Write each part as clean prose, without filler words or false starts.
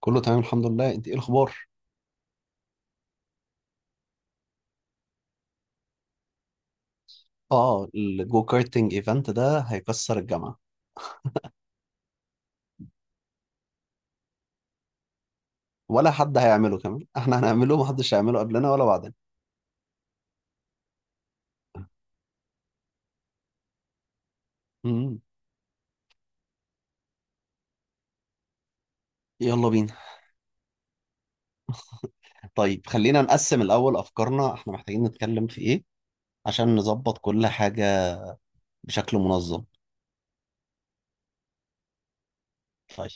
كله تمام، الحمد لله. انت ايه الاخبار؟ اه، الجو كارتنج ايفنت ده هيكسر الجامعه. ولا حد هيعمله كمان. احنا هنعمله، محدش هيعمله قبلنا ولا بعدنا. امم. يلا بينا. طيب، خلينا نقسم الاول افكارنا، احنا محتاجين نتكلم في ايه عشان نظبط كل حاجه بشكل منظم. طيب.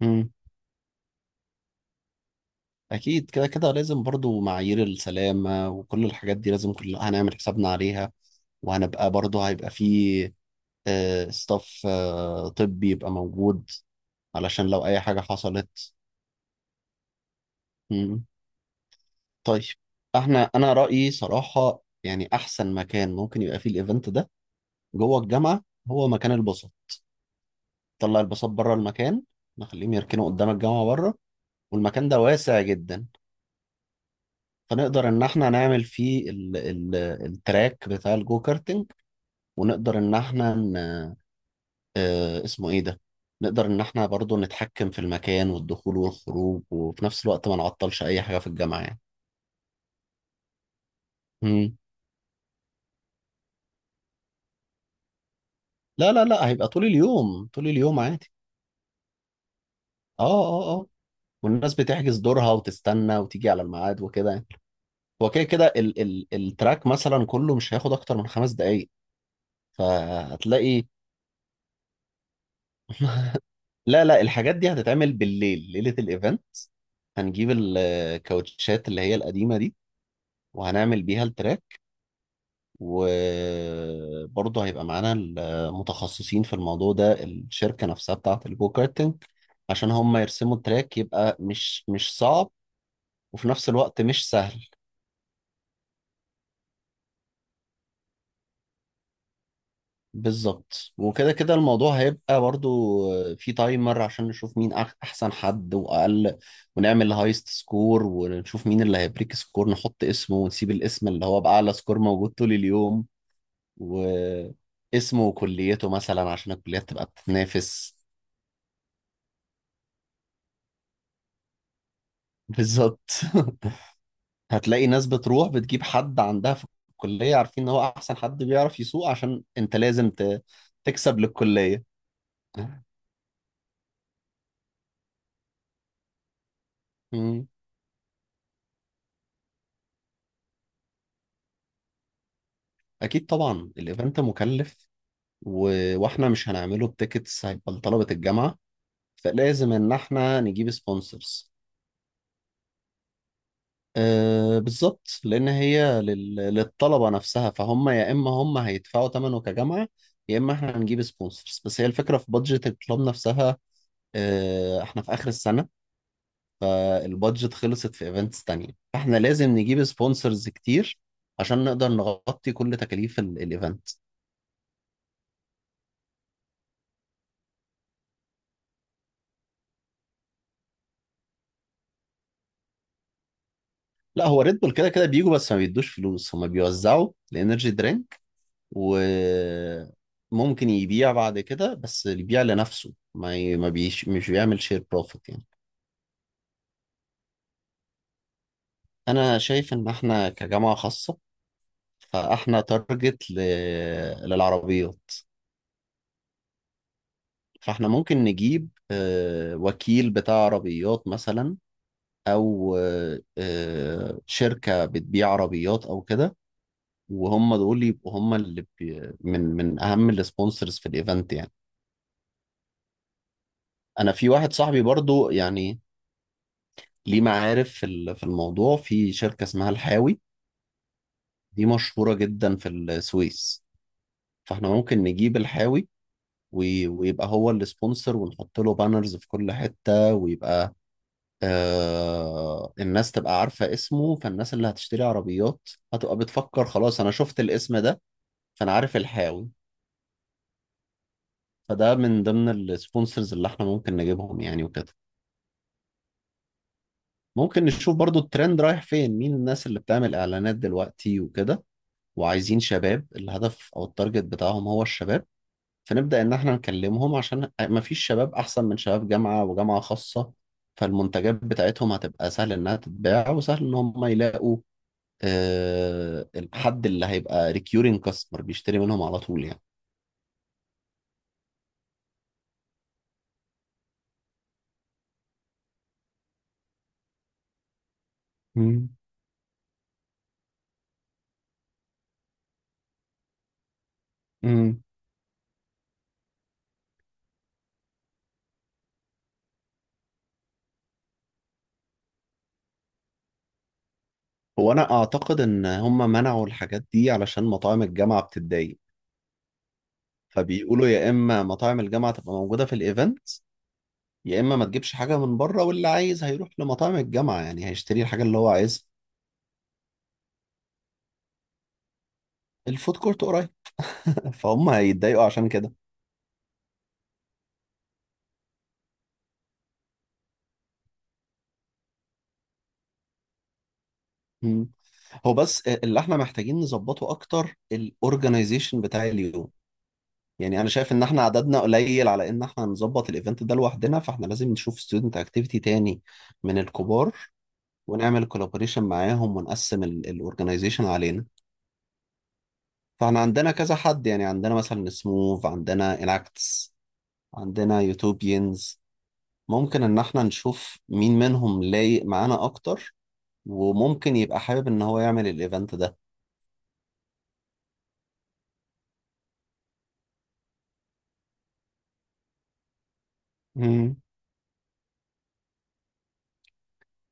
امم. اكيد كده كده لازم برضو معايير السلامه وكل الحاجات دي لازم كلها هنعمل حسابنا عليها. وهنبقى برضو هيبقى فيه ستاف طبي يبقى موجود علشان لو اي حاجة حصلت. مم. طيب. انا رأيي صراحة يعني احسن مكان ممكن يبقى فيه الايفنت ده جوه الجامعة هو مكان الباصات. طلع الباصات بره المكان، نخليهم يركنوا قدام الجامعة بره. والمكان ده واسع جدا، فنقدر ان احنا نعمل فيه ال ال التراك بتاع الجو كارتنج. ونقدر ان احنا آه، اسمه ايه ده، نقدر ان احنا برضو نتحكم في المكان والدخول والخروج وفي نفس الوقت ما نعطلش اي حاجة في الجامعة يعني. مم. لا لا لا، هيبقى طول اليوم، طول اليوم عادي. اه اه اه. والناس بتحجز دورها وتستنى وتيجي على الميعاد وكده يعني. هو كده كده ال ال التراك مثلا كله مش هياخد اكتر من 5 دقايق، فهتلاقي. لا لا، الحاجات دي هتتعمل بالليل ليلة الايفنت. هنجيب الكاوتشات اللي هي القديمة دي وهنعمل بيها التراك. وبرضه هيبقى معانا المتخصصين في الموضوع ده، الشركة نفسها بتاعة الجو كارتنج، عشان هم يرسموا التراك. يبقى مش صعب وفي نفس الوقت مش سهل. بالظبط، وكده كده الموضوع هيبقى برضه في تايمر عشان نشوف مين أحسن حد وأقل. ونعمل هايست سكور ونشوف مين اللي هيبريك سكور، نحط اسمه ونسيب الاسم اللي هو بأعلى سكور موجود طول اليوم. و اسمه وكليته مثلا عشان الكليات تبقى بتتنافس. بالظبط. هتلاقي ناس بتروح بتجيب حد عندها في الكلية عارفين ان هو احسن حد بيعرف يسوق، عشان انت لازم تكسب للكلية. مم. اكيد طبعا الايفنت مكلف و... واحنا مش هنعمله بتيكتس، هيبقى لطلبة الجامعة، فلازم ان احنا نجيب سبونسرز. أه بالظبط، لان هي للطلبة نفسها، فهم يا اما هم هيدفعوا ثمنه كجامعة يا اما احنا هنجيب سبونسرز، بس هي الفكرة في بادجت الكلاب نفسها. احنا في اخر السنة، البادجت خلصت في ايفنتس تانية، فاحنا لازم نجيب سبونسرز كتير عشان نقدر نغطي كل تكاليف الايفنت. لا هو ريد بول كده كده بيجوا بس ما بيدوش فلوس، هما بيوزعوا الانرجي درينك. وممكن يبيع بعد كده بس يبيع لنفسه، ما ي... ما بيش... مش بيعمل شير بروفيت يعني. انا شايف ان احنا كجامعة خاصة، فاحنا تارجت للعربيات. فاحنا ممكن نجيب وكيل بتاع عربيات مثلا، او شركه بتبيع عربيات او كده. وهم دول يبقوا هم اللي بي من من اهم السبونسرز في الايفنت يعني. انا في واحد صاحبي برضو يعني ليه معارف في في الموضوع، في شركه اسمها الحاوي. دي مشهوره جدا في السويس، فاحنا ممكن نجيب الحاوي ويبقى هو السبونسر، ونحط له بانرز في كل حته، ويبقى الناس تبقى عارفه اسمه. فالناس اللي هتشتري عربيات هتبقى بتفكر خلاص انا شفت الاسم ده. فانا عارف الحاوي، فده من ضمن السبونسرز اللي احنا ممكن نجيبهم يعني وكده. ممكن نشوف برضو الترند رايح فين، مين الناس اللي بتعمل اعلانات دلوقتي وكده، وعايزين شباب، الهدف او التارجت بتاعهم هو الشباب. فنبدأ ان احنا نكلمهم، عشان مفيش شباب احسن من شباب جامعة وجامعة خاصة. فالمنتجات بتاعتهم هتبقى سهل انها تتباع، وسهل ان هم يلاقوا الحد اللي هيبقى ريكيورينج كاستمر بيشتري منهم على طول يعني. مم. مم. هو انا اعتقد ان هم منعوا الحاجات دي علشان مطاعم الجامعه بتتضايق. فبيقولوا يا اما مطاعم الجامعه تبقى موجوده في الايفنت، يا اما ما تجيبش حاجه من بره، واللي عايز هيروح لمطاعم الجامعه يعني هيشتري الحاجه اللي هو عايزها. الفود كورت قريب. فهم هيتضايقوا عشان كده. مم. هو بس اللي احنا محتاجين نظبطه اكتر الاورجنايزيشن بتاع اليوم. يعني انا شايف ان احنا عددنا قليل على ان احنا نظبط الايفنت ده لوحدنا، فاحنا لازم نشوف ستودنت اكتيفيتي تاني من الكبار، ونعمل كولابوريشن معاهم ونقسم الاورجنايزيشن علينا. فاحنا عندنا كذا حد يعني، عندنا مثلا سموف، عندنا اناكتس، عندنا يوتوبيانز. ممكن ان احنا نشوف مين منهم لايق معانا اكتر وممكن يبقى حابب ان هو يعمل الايفنت ده. مم.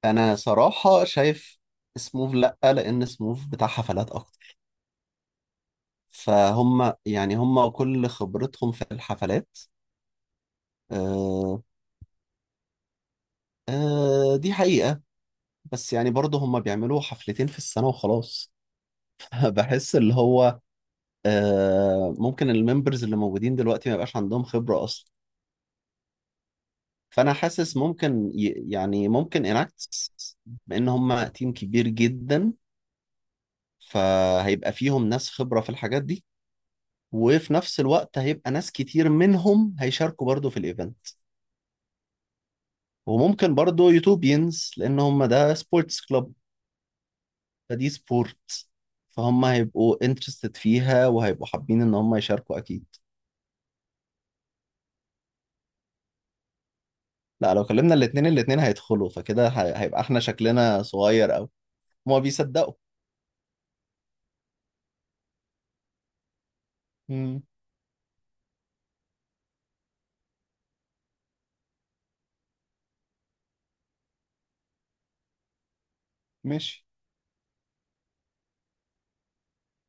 انا صراحة شايف سموف لا، لان سموف بتاع حفلات اكتر، فهم يعني هم كل خبرتهم في الحفلات. آه آه، دي حقيقة. بس يعني برضه هم بيعملوا حفلتين في السنة وخلاص. بحس اللي هو ممكن الممبرز اللي موجودين دلوقتي ما يبقاش عندهم خبرة أصلا. فأنا حاسس ممكن يعني ممكن اناكتس، بأن هم تيم كبير جدا، فهيبقى فيهم ناس خبرة في الحاجات دي، وفي نفس الوقت هيبقى ناس كتير منهم هيشاركوا برضه في الإيفنت. وممكن برضه يوتوبينز لأن هم ده سبورتس كلوب، فدي سبورت، فهم هيبقوا انترستد فيها وهيبقوا حابين ان هم يشاركوا اكيد. لا لو كلمنا الاتنين الاتنين هيدخلوا، فكده هيبقى احنا شكلنا صغير قوي. هما بيصدقوا. امم. ماشي.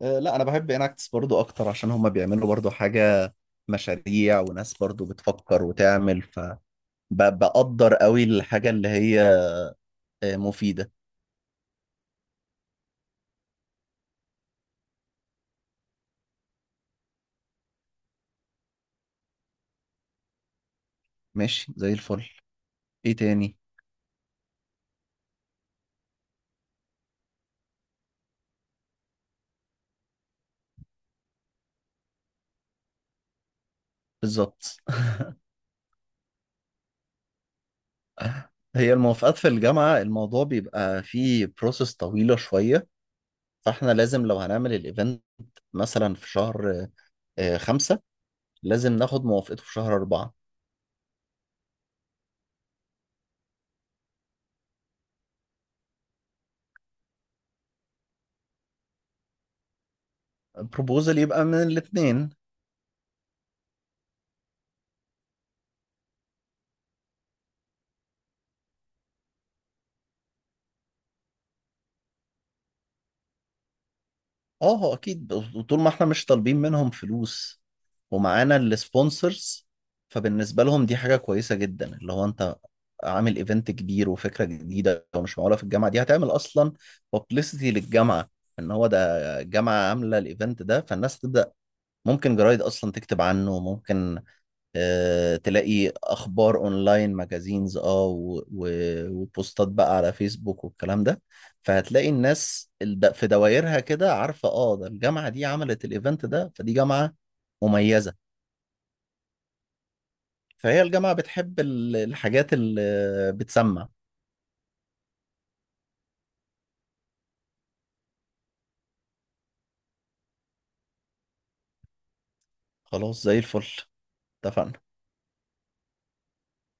أه لا انا بحب اناكتس برضو اكتر عشان هما بيعملوا برضو حاجة، مشاريع وناس برضو بتفكر وتعمل، فبقدر قوي الحاجة اللي هي مفيدة. ماشي زي الفل. ايه تاني؟ بالظبط. هي الموافقات في الجامعة الموضوع بيبقى فيه بروسس طويلة شوية. فاحنا لازم لو هنعمل الايفنت مثلا في شهر 5، لازم ناخد موافقته في شهر 4. بروبوزل يبقى من الاتنين. اه هو أكيد، وطول ما احنا مش طالبين منهم فلوس ومعانا السبونسرز، فبالنسبة لهم دي حاجة كويسة جدا اللي هو أنت عامل ايفنت كبير وفكرة جديدة ومش معقولة في الجامعة دي هتعمل أصلا بابليستي للجامعة. إن هو ده جامعة عاملة الايفنت ده، فالناس تبدأ، ممكن جرايد أصلا تكتب عنه، ممكن تلاقي اخبار اونلاين ماجازينز، اه وبوستات بقى على فيسبوك والكلام ده. فهتلاقي الناس في دوايرها كده عارفه اه ده الجامعه دي عملت الايفنت ده، فدي جامعه مميزه. فهي الجامعه بتحب الحاجات اللي بتسمع. خلاص زي الفل. اتفقنا.